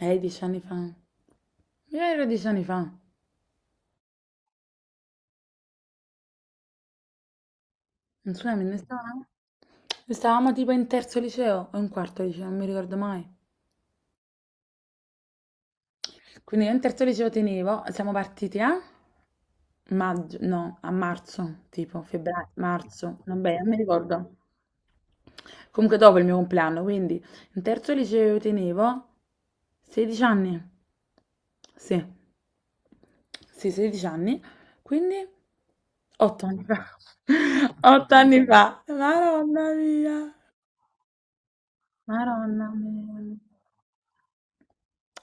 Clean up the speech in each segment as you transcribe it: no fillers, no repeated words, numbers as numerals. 10 anni fa. Io ero 10 anni fa. Non so, ne stavamo tipo in terzo liceo o in quarto liceo, non mi ricordo mai. Quindi io in terzo liceo tenevo, siamo partiti a maggio, no, a marzo, tipo febbraio, marzo, vabbè, non mi ricordo. Comunque dopo il mio compleanno, quindi in terzo liceo io tenevo 16 anni. Sì, sì, 16 anni. Quindi 8 anni fa. 8 anni fa. Madonna mia. Madonna mia.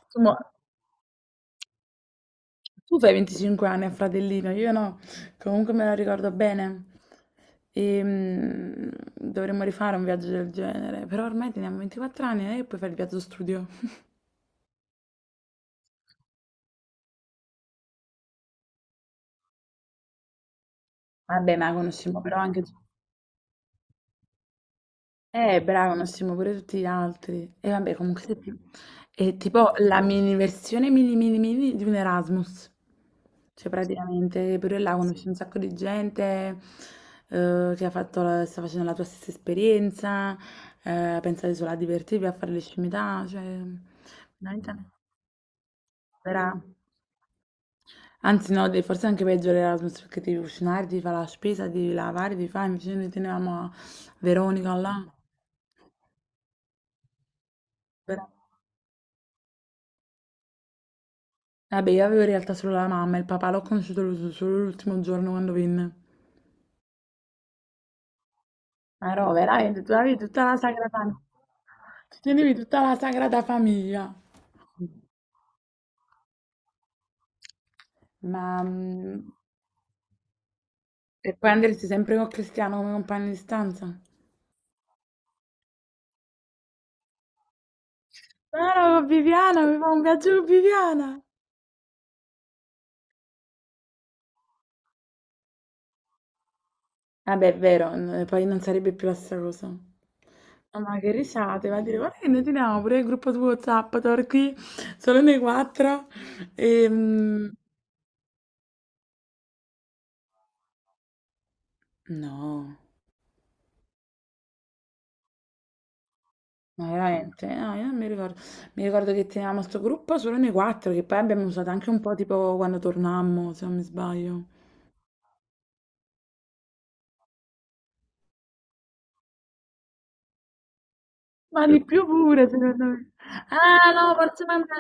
Tu, mo- tu fai 25 anni, a fratellino, io no. Comunque me la ricordo bene. E, dovremmo rifare un viaggio del genere. Però ormai teniamo 24 anni e puoi fare il viaggio studio. Vabbè, ma conosciamo però anche. Bravo, non siamo pure tutti gli altri. E vabbè, comunque se ti- è tipo la mini versione mini mini mini di un Erasmus. Cioè praticamente pure là conosci un sacco di gente che ha fatto sta facendo la tua stessa esperienza, pensate solo a divertirvi, a fare le scimità, cioè veramente vera. Anzi no, forse anche peggio l'Erasmus perché devi cucinare, devi fare la spesa, devi lavare, devi fare, invece noi tenevamo a Veronica là. Vabbè, io avevo in realtà solo la mamma, il papà l'ho conosciuto solo l'ultimo giorno quando venne. Ma no, veramente, tu avevi tutta la sagrada famiglia. Ti tenevi tutta la sagrada famiglia. Ma... mm, E poi andresti sempre con Cristiano come compagno di stanza? No, no, con Viviana, mi fa un viaggio con Viviana. Vabbè, è vero, poi non sarebbe più la stessa cosa. No, ma che risate, va a dire, guarda che noi teniamo pure il gruppo su WhatsApp, torqui, solo noi quattro. E, mm, No, ma veramente? No, io non mi ricordo. Mi ricordo che tenevamo sto gruppo solo noi 4, che poi abbiamo usato anche un po' tipo quando tornammo, se non mi sbaglio. Ma per di più pure, secondo me. Ah no, forse manda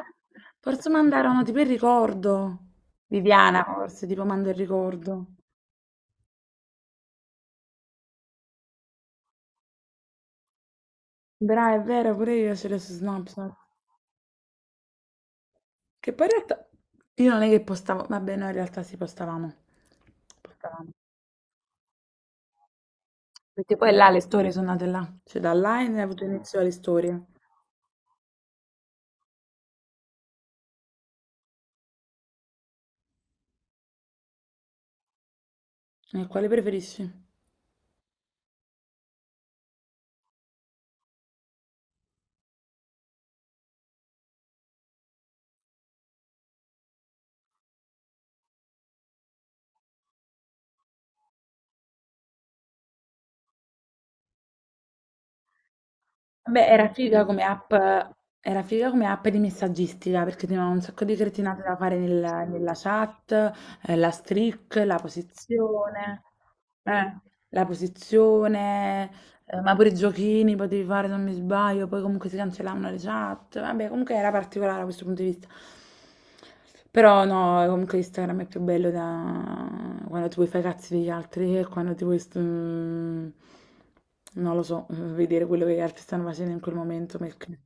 forse mandarono tipo il ricordo. Viviana forse, tipo manda il ricordo. Brava, è vero, pure io ce l'ho su Snapchat. Che poi in realtà io non è che postavo, vabbè no, in realtà sì, postavamo. Postavamo. Perché poi là le storie sono nate là. Cioè da là è avuto inizio le storie. Quale preferisci? Beh, era figa come app, era figa come app di messaggistica perché ti un sacco di cretinate da fare nella chat, la streak, la posizione, eh, la posizione. Ma pure i giochini potevi fare se non mi sbaglio, poi comunque si cancellavano le chat. Vabbè, comunque era particolare da questo punto di vista. Però no, comunque Instagram è più bello da quando ti vuoi fare i cazzi degli altri e quando ti vuoi, non lo so, vedere quello che gli altri stanno facendo in quel momento. Perché.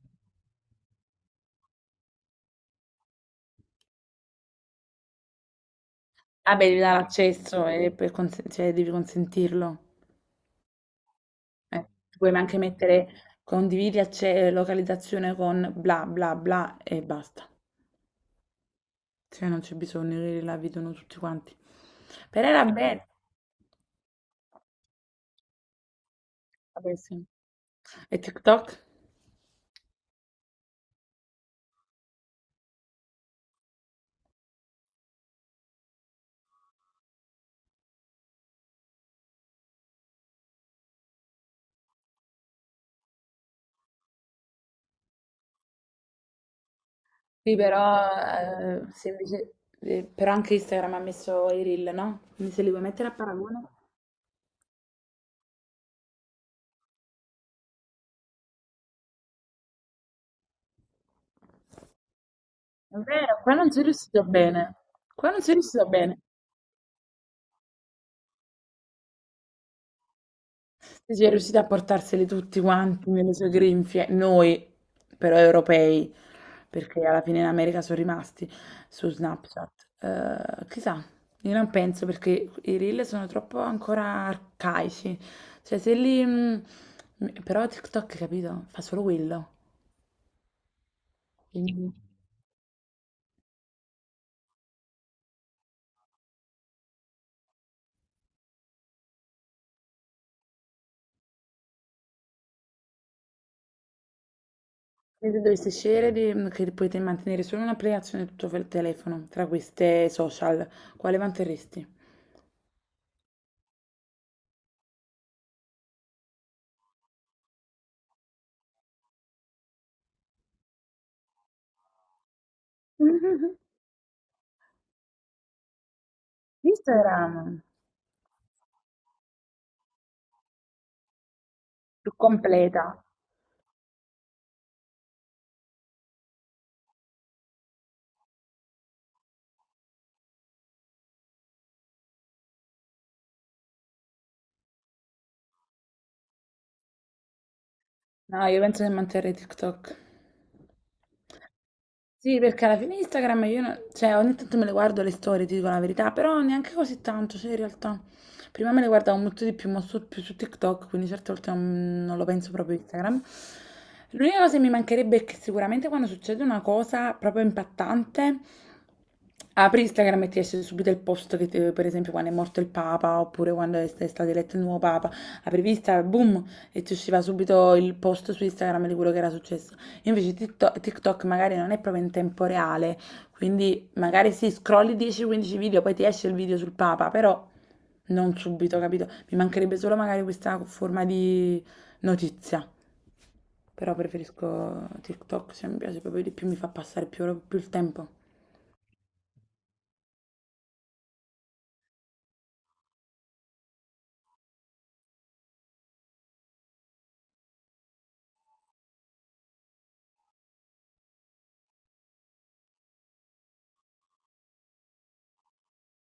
Vabbè, devi dare l'accesso e per cioè, devi consentirlo. Eh, puoi anche mettere condividi localizzazione con bla bla bla e basta. Cioè non c'è bisogno che la vedono tutti quanti. Però era bello. Vabbè, sì. E TikTok? Sì, però, se invece- però anche Instagram ha messo i reel, no? Quindi se li vuoi mettere a paragone. È vero, qua non sei riuscito bene. Qua non sei riuscito bene. Sì, sì, è riuscita a portarseli tutti quanti nelle sue grinfie, noi però europei, perché alla fine in America sono rimasti su Snapchat. Chissà, io non penso perché i reel sono troppo ancora arcaici. Cioè, se li... però TikTok, capito? Fa solo quello. Quindi, se tu dovessi scegliere che potete mantenere solo un'applicazione e tutto il telefono, tra queste social, quale manterresti? Instagram, più completa. No, io penso che manterrei TikTok. Sì, perché alla fine Instagram io, non- cioè, ogni tanto me le guardo le storie, ti dico la verità, però neanche così tanto, cioè, in realtà. Prima me le guardavo molto di più, ma su, più su TikTok, quindi certe volte non, non lo penso proprio a Instagram. L'unica cosa che mi mancherebbe è che sicuramente quando succede una cosa proprio impattante, apri Instagram e ti esce subito il post che, per esempio, quando è morto il Papa, oppure quando è è stato eletto il nuovo Papa, aprivi Instagram, boom, e ti usciva subito il post su Instagram di quello che era successo. Invece TikTok, TikTok magari non è proprio in tempo reale, quindi magari sì, scrolli 10-15 video, poi ti esce il video sul Papa, però non subito, capito? Mi mancherebbe solo magari questa forma di notizia, però preferisco TikTok, se mi piace proprio di più, mi fa passare più, più il tempo.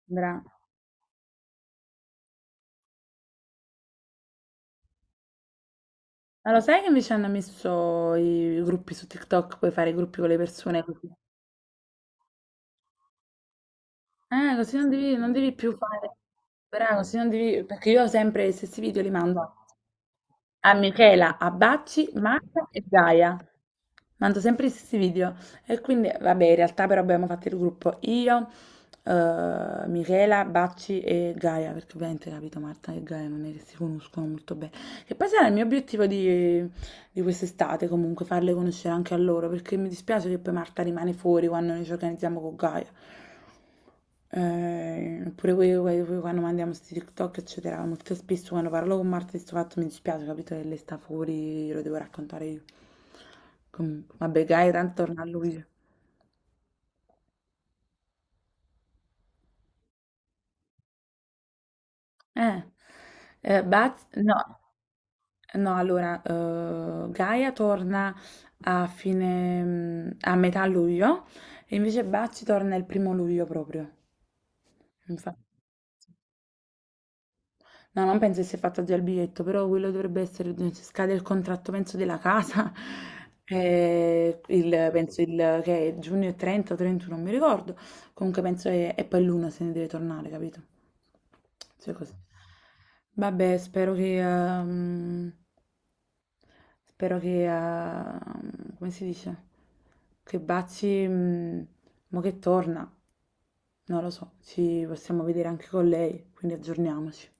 Bra. Ma lo sai che invece hanno messo i gruppi su TikTok, puoi fare i gruppi con le persone così? Così non devi, non devi più fare. Però così non devi, perché io sempre gli stessi video li mando a Michela, a Bacci, Marta e Gaia. Mando sempre gli stessi video. E quindi, vabbè, in realtà però abbiamo fatto il gruppo io, Michela, Bacci e Gaia, perché ovviamente, capito, Marta e Gaia non è che si conoscono molto bene. Che poi sarà il mio obiettivo di quest'estate comunque farle conoscere anche a loro perché mi dispiace che poi Marta rimane fuori quando noi ci organizziamo con Gaia. Eh, oppure quando mandiamo questi TikTok eccetera molto spesso quando parlo con Marta di questo fatto mi dispiace, capito, che lei sta fuori, lo devo raccontare io. Vabbè, Gaia tanto torna a lui, eh, Baz no. No, allora, Gaia torna a fine, a metà luglio, e invece Bacci torna il primo luglio proprio. Infa- No, non penso che sia fatto già il biglietto, però quello dovrebbe essere, se scade il contratto, penso, della casa, penso che è giugno e 30 o 31, non mi ricordo. Comunque penso che, e poi l'uno se ne deve tornare, capito? Cioè così. Vabbè, spero che, come si dice? Che Bazzi, mo che torna, non lo so, ci possiamo vedere anche con lei, quindi aggiorniamoci.